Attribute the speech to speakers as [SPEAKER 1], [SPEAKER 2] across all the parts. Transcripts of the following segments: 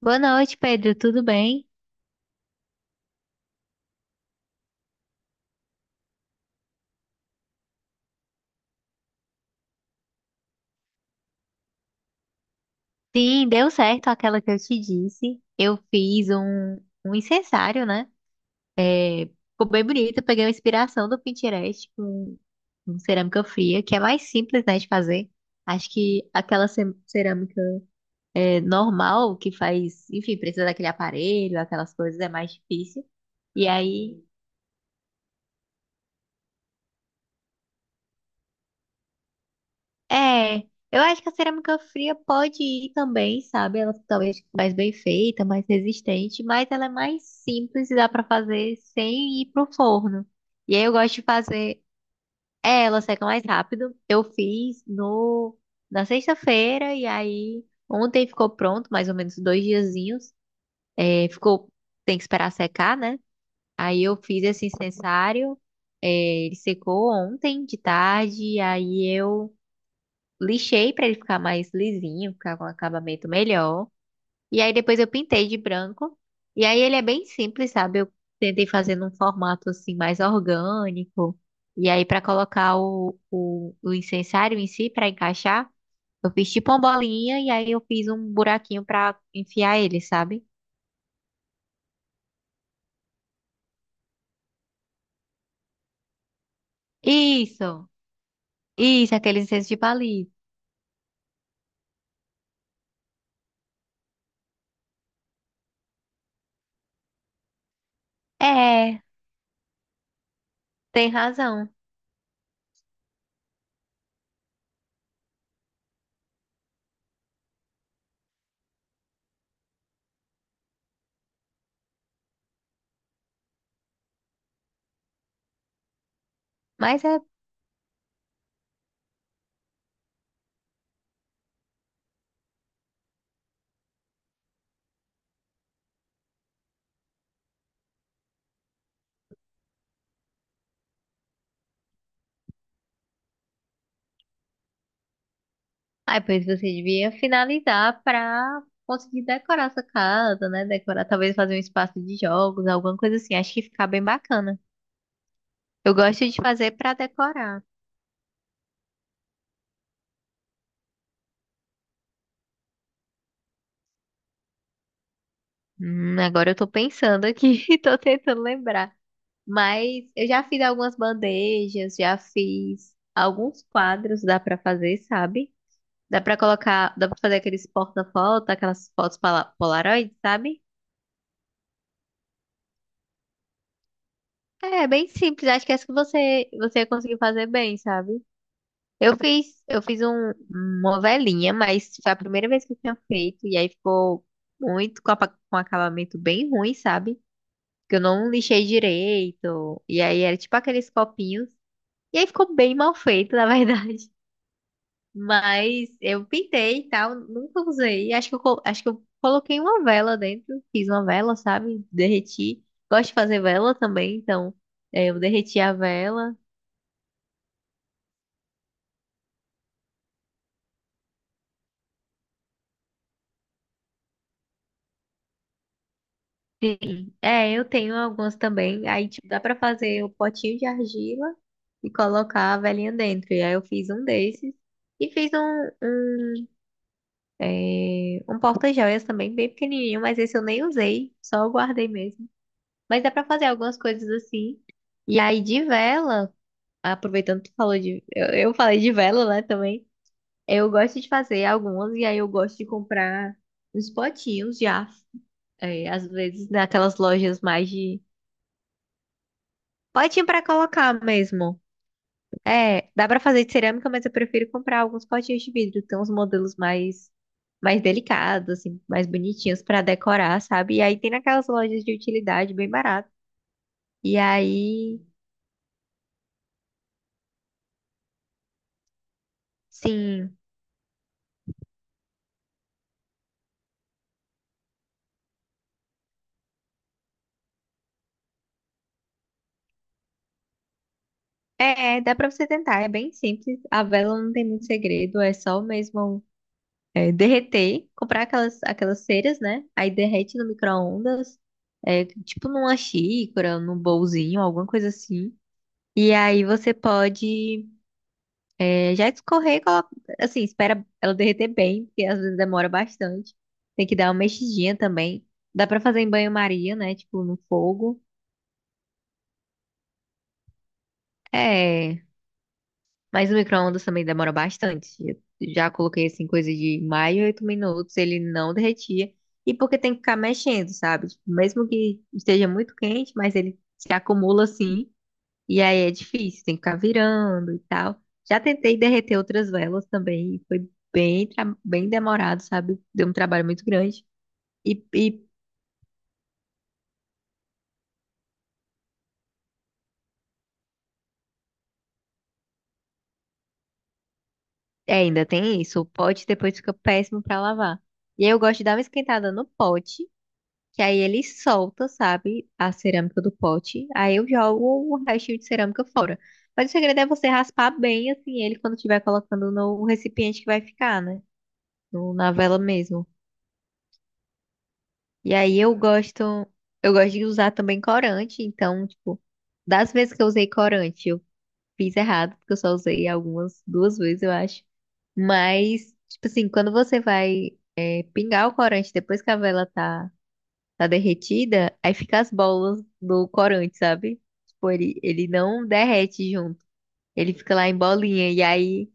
[SPEAKER 1] Boa noite, Pedro. Tudo bem? Sim, deu certo aquela que eu te disse. Eu fiz um incensário, né? É, ficou bem bonito. Eu peguei uma inspiração do Pinterest com cerâmica fria, que é mais simples, né, de fazer. Acho que aquela cerâmica normal que faz, enfim, precisa daquele aparelho, aquelas coisas, é mais difícil. E aí É, eu acho que a cerâmica fria pode ir também, sabe? Ela talvez mais bem feita, mais resistente, mas ela é mais simples e dá pra fazer sem ir pro forno. E aí eu gosto de fazer, ela seca mais rápido. Eu fiz no na sexta-feira e aí ontem ficou pronto, mais ou menos dois diazinhos. É, ficou, tem que esperar secar, né? Aí eu fiz esse incensário, é, ele secou ontem de tarde, e aí eu lixei pra ele ficar mais lisinho, ficar com um acabamento melhor. E aí depois eu pintei de branco. E aí ele é bem simples, sabe? Eu tentei fazer num formato assim mais orgânico. E aí pra colocar o incensário em si pra encaixar, eu fiz tipo uma bolinha e aí eu fiz um buraquinho pra enfiar ele, sabe? Isso. Isso, aquele incenso de palito. É, tem razão. Mas é. Aí, pois você devia finalizar pra conseguir decorar sua casa, né? Decorar, talvez fazer um espaço de jogos, alguma coisa assim. Acho que fica bem bacana. Eu gosto de fazer pra decorar. Agora eu tô pensando aqui e tô tentando lembrar. Mas eu já fiz algumas bandejas, já fiz alguns quadros, dá pra fazer, sabe? Dá pra colocar, dá pra fazer aqueles porta-foto, aquelas fotos Polaroid, sabe? É, bem simples. Acho que essa que você ia conseguir fazer bem, sabe? Uma velhinha, mas foi a primeira vez que eu tinha feito, e aí ficou muito com acabamento bem ruim, sabe? Que eu não lixei direito, e aí era tipo aqueles copinhos, e aí ficou bem mal feito, na verdade. Mas eu pintei e tal, nunca usei. Acho acho que eu coloquei uma vela dentro, fiz uma vela, sabe? Derreti. Gosto de fazer vela também, então eu derreti a vela. Sim, é, eu tenho alguns também. Aí, tipo, dá pra fazer o potinho de argila e colocar a velhinha dentro. E aí eu fiz um desses e fiz um porta-joias também, bem pequenininho, mas esse eu nem usei, só eu guardei mesmo. Mas dá pra fazer algumas coisas assim. E aí, de vela, aproveitando que tu falou de. Eu falei de vela, né, também. Eu gosto de fazer algumas e aí eu gosto de comprar uns potinhos já. É, às vezes naquelas lojas mais de. Potinho pra colocar mesmo. É, dá pra fazer de cerâmica, mas eu prefiro comprar alguns potinhos de vidro. Tem uns modelos mais delicados, assim, mais bonitinhos pra decorar, sabe? E aí tem naquelas lojas de utilidade bem barato. E aí, sim, é, dá pra você tentar. É bem simples. A vela não tem muito segredo. É só mesmo derreter, comprar aquelas ceras, né? Aí derrete no micro-ondas, tipo numa xícara, num bolzinho, alguma coisa assim. E aí você pode. É, já escorrer, e coloca, assim, espera ela derreter bem, porque às vezes demora bastante. Tem que dar uma mexidinha também. Dá pra fazer em banho-maria, né? Tipo, no fogo. É, mas o micro-ondas também demora bastante. Eu já coloquei, assim, coisa de mais de 8 minutos, ele não derretia. E porque tem que ficar mexendo, sabe? Tipo, mesmo que esteja muito quente, mas ele se acumula, assim. E aí é difícil, tem que ficar virando e tal. Já tentei derreter outras velas também, e foi bem, bem demorado, sabe? Deu um trabalho muito grande. E é, ainda tem isso, o pote depois fica péssimo pra lavar. E aí eu gosto de dar uma esquentada no pote, que aí ele solta, sabe, a cerâmica do pote. Aí eu jogo o restinho de cerâmica fora. Mas o segredo é você raspar bem, assim, ele quando estiver colocando no recipiente que vai ficar, né? Na vela mesmo. E aí eu gosto, eu gosto de usar também corante, então, tipo, das vezes que eu usei corante, eu fiz errado, porque eu só usei algumas, duas vezes, eu acho. Mas, tipo assim, quando você vai pingar o corante depois que a tá derretida, aí fica as bolas do corante, sabe? Tipo, ele não derrete junto. Ele fica lá em bolinha, e aí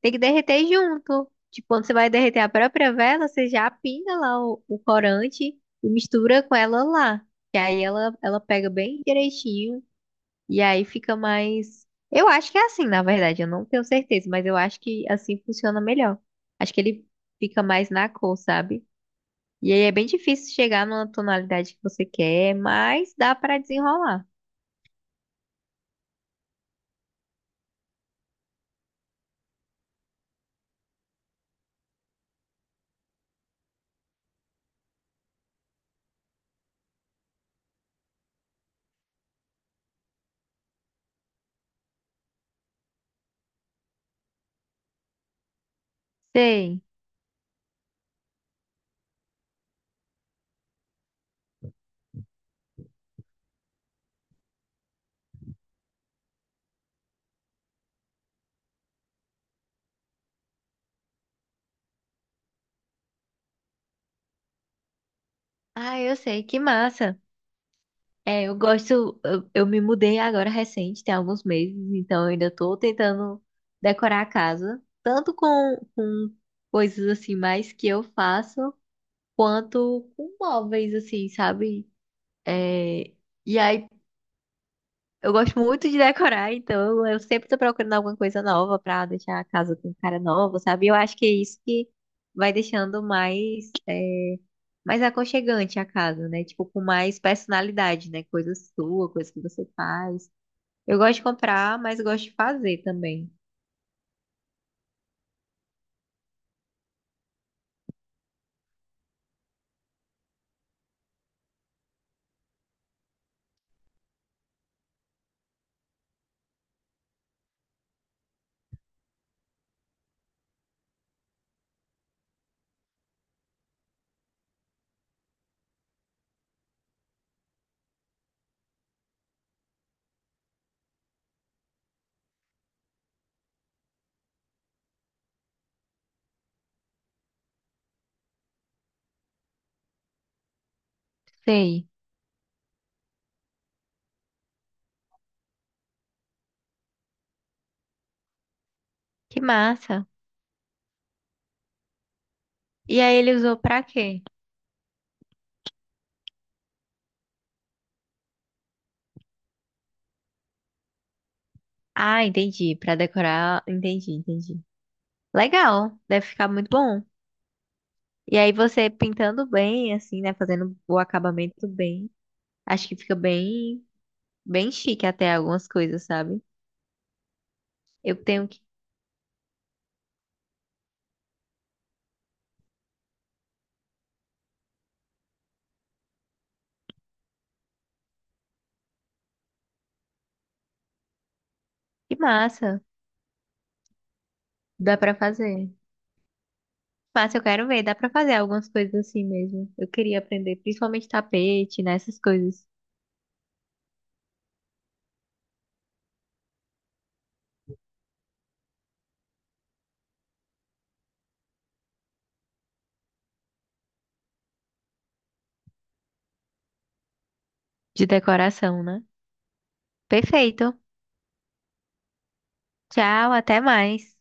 [SPEAKER 1] tem que derreter junto. Tipo, quando você vai derreter a própria vela, você já pinga lá o corante e mistura com ela lá. Que aí ela pega bem direitinho e aí fica mais. Eu acho que é assim, na verdade, eu não tenho certeza, mas eu acho que assim funciona melhor. Acho que ele fica mais na cor, sabe? E aí é bem difícil chegar numa tonalidade que você quer, mas dá pra desenrolar. Sei. Ah, eu sei, que massa. É, eu gosto. Eu me mudei agora recente, tem alguns meses, então eu ainda tô tentando decorar a casa, tanto com coisas assim mais que eu faço, quanto com móveis, assim, sabe? É, e aí eu gosto muito de decorar, então eu sempre tô procurando alguma coisa nova pra deixar a casa com cara nova, sabe? Eu acho que é isso que vai deixando mais, é, mais aconchegante a casa, né? Tipo, com mais personalidade, né? Coisa sua, coisa que você faz. Eu gosto de comprar, mas gosto de fazer também. Sei. Que massa. E aí ele usou pra quê? Ah, entendi. Pra decorar. Entendi, entendi. Legal. Deve ficar muito bom. E aí você pintando bem, assim, né? Fazendo o acabamento bem. Acho que fica bem, bem chique até algumas coisas, sabe? Eu tenho que. Que massa. Dá pra fazer. Massa, eu quero ver. Dá pra fazer algumas coisas assim mesmo. Eu queria aprender, principalmente tapete, né? Essas coisas de decoração, né? Perfeito. Tchau, até mais.